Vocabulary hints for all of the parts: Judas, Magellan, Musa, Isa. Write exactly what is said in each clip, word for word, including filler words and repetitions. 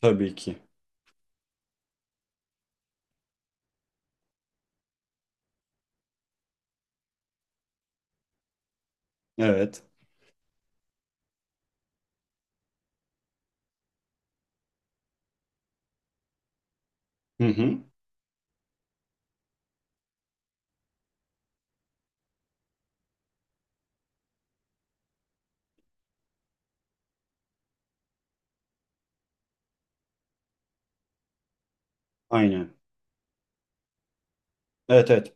Tabii ki. Evet. Hı hı. Aynen. Evet, evet.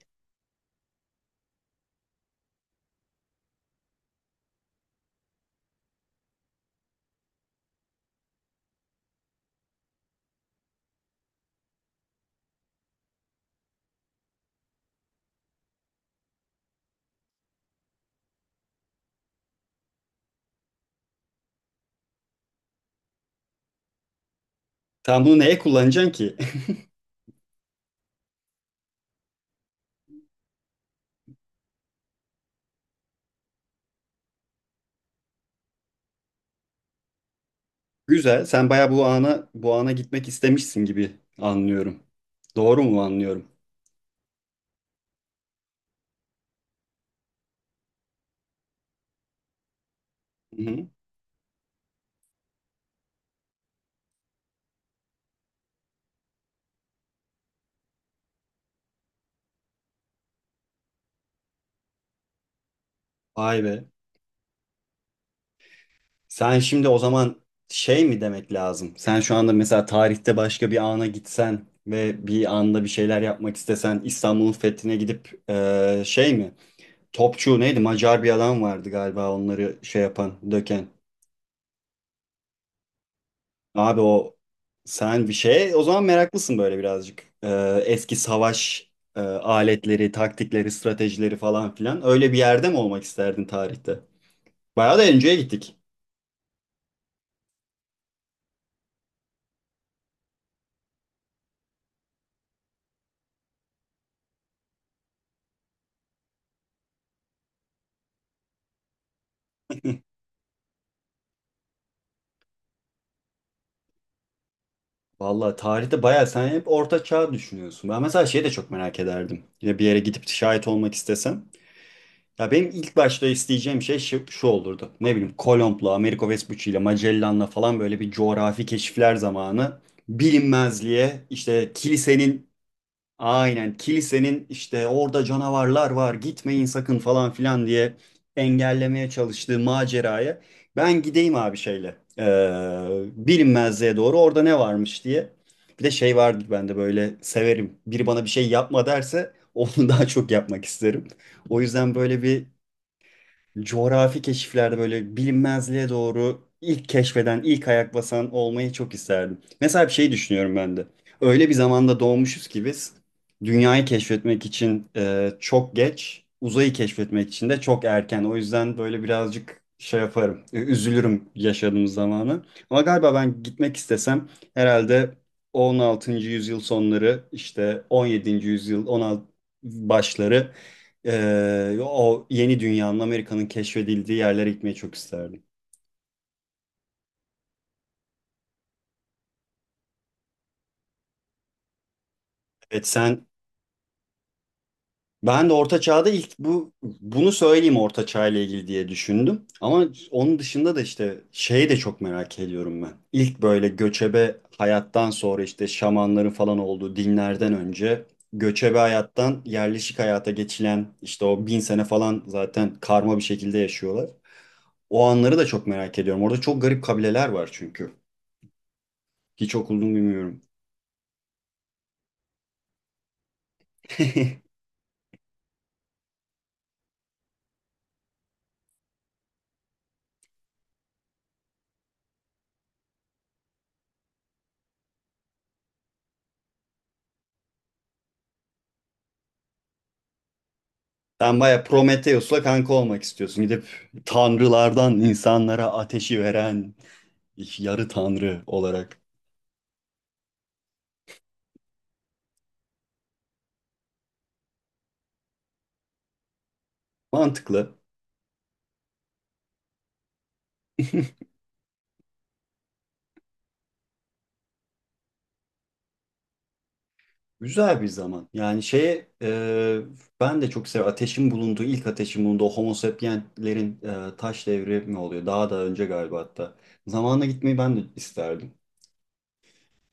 Tam bunu neye kullanacaksın ki? Güzel. Sen bayağı bu ana bu ana gitmek istemişsin gibi anlıyorum. Doğru mu anlıyorum? Hı hı. Vay be. Sen şimdi o zaman şey mi demek lazım? Sen şu anda mesela tarihte başka bir ana gitsen ve bir anda bir şeyler yapmak istesen İstanbul'un fethine gidip eee, şey mi? Topçu neydi? Macar bir adam vardı galiba onları şey yapan, döken. Abi o sen bir şey o zaman meraklısın böyle birazcık. Ee, eski savaş e, aletleri, taktikleri, stratejileri falan filan. Öyle bir yerde mi olmak isterdin tarihte? Bayağı da önceye gittik. Vallahi tarihte bayağı sen hep Orta Çağ düşünüyorsun. Ben mesela şeyi de çok merak ederdim. Yine bir yere gidip şahit olmak istesem. Ya benim ilk başta isteyeceğim şey şu, şu olurdu. Ne bileyim Kolomb'la, Amerigo Vespucci'yle, Magellan'la falan böyle bir coğrafi keşifler zamanı bilinmezliğe işte kilisenin. Aynen. Kilisenin işte orada canavarlar var, gitmeyin sakın falan filan diye engellemeye çalıştığı maceraya ben gideyim abi şeyle eee, bilinmezliğe doğru orada ne varmış diye. Bir de şey vardır bende, böyle severim, biri bana bir şey yapma derse onu daha çok yapmak isterim. O yüzden böyle bir coğrafi keşiflerde böyle bilinmezliğe doğru ilk keşfeden, ilk ayak basan olmayı çok isterdim. Mesela bir şey düşünüyorum ben de. Öyle bir zamanda doğmuşuz ki biz dünyayı keşfetmek için e, çok geç, uzayı keşfetmek için de çok erken. O yüzden böyle birazcık şey yaparım, ü- üzülürüm yaşadığımız zamanı. Ama galiba ben gitmek istesem herhalde on altıncı yüzyıl sonları işte on yedinci yüzyıl on altı başları, ee, o yeni dünyanın, Amerika'nın keşfedildiği yerlere gitmeyi çok isterdim. Evet sen. Ben de Orta Çağ'da, ilk bu bunu söyleyeyim, Orta Çağ ile ilgili diye düşündüm. Ama onun dışında da işte şeyi de çok merak ediyorum ben. İlk böyle göçebe hayattan sonra işte şamanların falan olduğu dinlerden önce göçebe hayattan yerleşik hayata geçilen işte o bin sene falan zaten karma bir şekilde yaşıyorlar. O anları da çok merak ediyorum. Orada çok garip kabileler var çünkü. Hiç okudum bilmiyorum. Sen baya Prometheus'la kanka olmak istiyorsun. Gidip tanrılardan insanlara ateşi veren yarı tanrı olarak. Mantıklı. Güzel bir zaman. Yani şeye, e, ben de çok seviyorum. Ateşin bulunduğu, ilk ateşin bulunduğu Homo sapienslerin e, taş devri mi oluyor? Daha da önce galiba hatta. Zamanla gitmeyi ben de isterdim.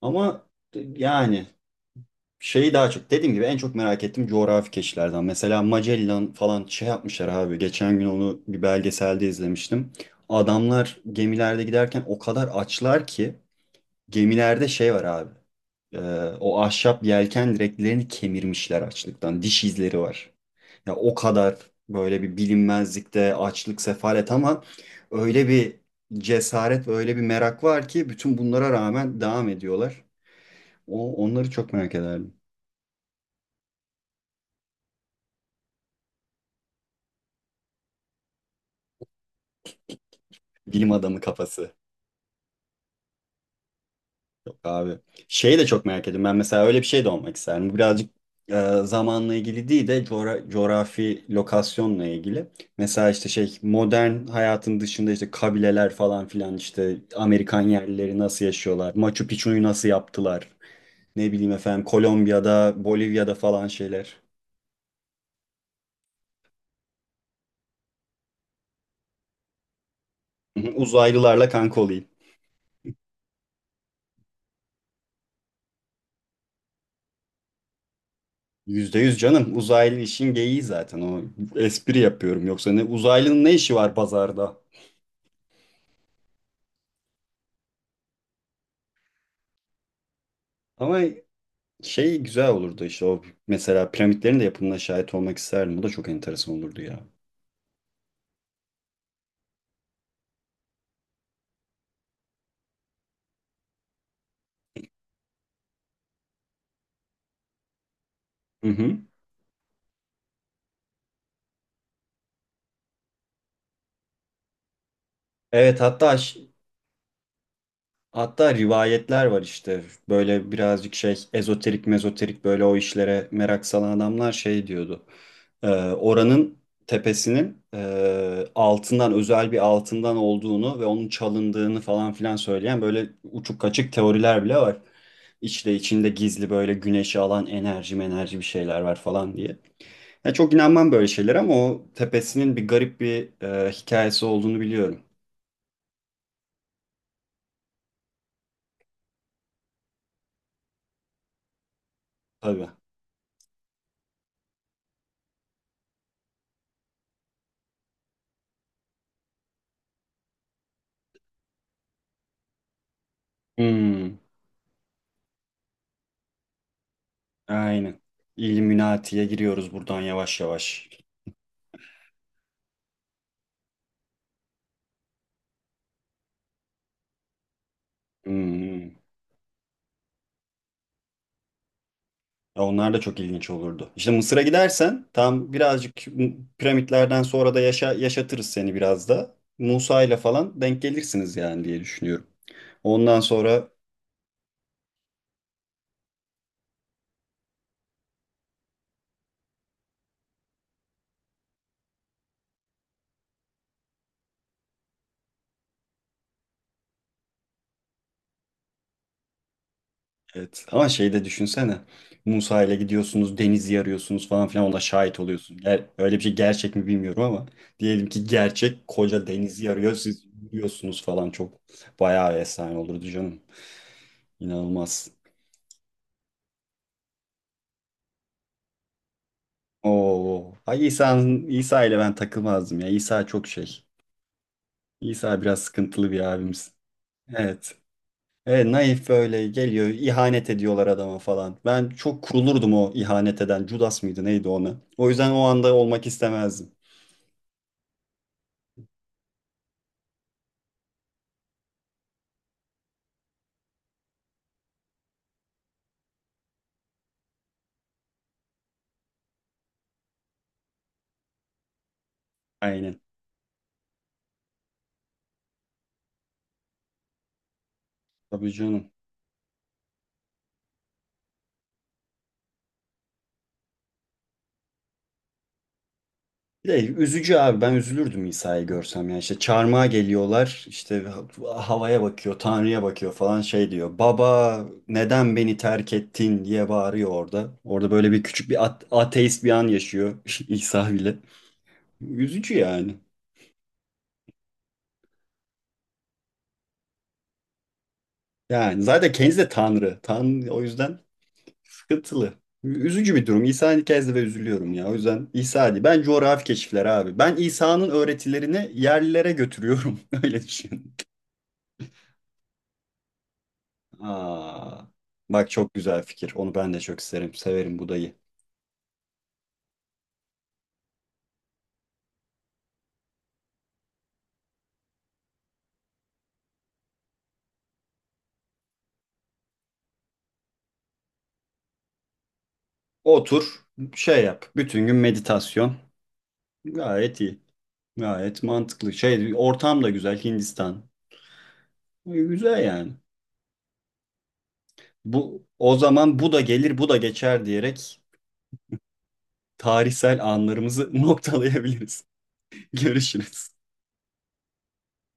Ama e, yani şeyi daha çok, dediğim gibi, en çok merak ettiğim coğrafi keşiflerden. Mesela Magellan falan şey yapmışlar abi. Geçen gün onu bir belgeselde izlemiştim. Adamlar gemilerde giderken o kadar açlar ki, gemilerde şey var abi. Ee, o ahşap yelken direklerini kemirmişler açlıktan. Diş izleri var. Ya o kadar böyle bir bilinmezlikte açlık, sefalet ama öyle bir cesaret ve öyle bir merak var ki bütün bunlara rağmen devam ediyorlar. O, onları çok merak ederdim. Bilim adamı kafası. Yok abi. Şeyi de çok merak ediyorum. Ben mesela öyle bir şey de olmak isterdim. Bu birazcık e, zamanla ilgili değil de coğra- coğrafi lokasyonla ilgili. Mesela işte şey, modern hayatın dışında işte kabileler falan filan, işte Amerikan yerlileri nasıl yaşıyorlar? Machu Picchu'yu nasıl yaptılar? Ne bileyim efendim Kolombiya'da, Bolivya'da falan şeyler. Hı hı. Uzaylılarla kanka olayım. Yüzde yüz canım. Uzaylı işin geyiği zaten o. Espri yapıyorum, yoksa ne uzaylının ne işi var pazarda? Ama şey, güzel olurdu işte o mesela, piramitlerin de yapımına şahit olmak isterdim. O da çok enteresan olurdu ya. Hı hı. Evet, hatta ş- hatta rivayetler var işte, böyle birazcık şey ezoterik mezoterik, böyle o işlere merak salan adamlar şey diyordu. Ee, oranın tepesinin, e, altından, özel bir altından olduğunu ve onun çalındığını falan filan söyleyen böyle uçuk kaçık teoriler bile var. İçte içinde gizli böyle güneşi alan enerji enerji bir şeyler var falan diye. Ya çok inanmam böyle şeylere ama o tepesinin bir garip bir e, hikayesi olduğunu biliyorum. Tabii. Hmm. Aynen. İlluminati'ye giriyoruz buradan yavaş yavaş. Hmm. Ya onlar da çok ilginç olurdu. İşte Mısır'a gidersen tam birazcık piramitlerden sonra da yaşa, yaşatırız seni biraz da. Musa ile falan denk gelirsiniz yani diye düşünüyorum. Ondan sonra. Evet, ama şey de düşünsene. Musa ile gidiyorsunuz, denizi arıyorsunuz falan filan, ona şahit oluyorsun. Ger- öyle bir şey gerçek mi bilmiyorum ama diyelim ki gerçek, koca denizi arıyor, siz yürüyorsunuz falan, çok bayağı bir efsane olurdu canım. İnanılmaz. Oo. Ay, İsa'nın İsa ile ben takılmazdım ya. İsa çok şey. İsa biraz sıkıntılı bir abimiz. Evet. Evet, naif böyle geliyor. İhanet ediyorlar adama falan. Ben çok kurulurdum o ihanet eden. Judas mıydı neydi ona? O yüzden o anda olmak istemezdim. Aynen. Tabii canım. Bir de üzücü abi, ben üzülürdüm İsa'yı görsem, yani işte çarmıha geliyorlar, işte havaya bakıyor, Tanrı'ya bakıyor falan, şey diyor, "Baba neden beni terk ettin?" diye bağırıyor orada orada böyle bir küçük bir at- ateist bir an yaşıyor İsa bile. Üzücü yani yani zaten kendisi de Tanrı Tanrı, o yüzden sıkıntılı, üzücü bir durum İsa'nın hikayesi ve üzülüyorum ya, o yüzden İsa değil, ben coğrafi keşifler abi, ben İsa'nın öğretilerini yerlilere götürüyorum öyle düşün. Aa, bak çok güzel fikir. Onu ben de çok isterim. Severim Budayı. Otur, şey yap. Bütün gün meditasyon. Gayet iyi. Gayet mantıklı. Şey, ortam da güzel. Hindistan. Güzel yani. Bu o zaman, bu da gelir, bu da geçer diyerek tarihsel anlarımızı noktalayabiliriz. Görüşürüz.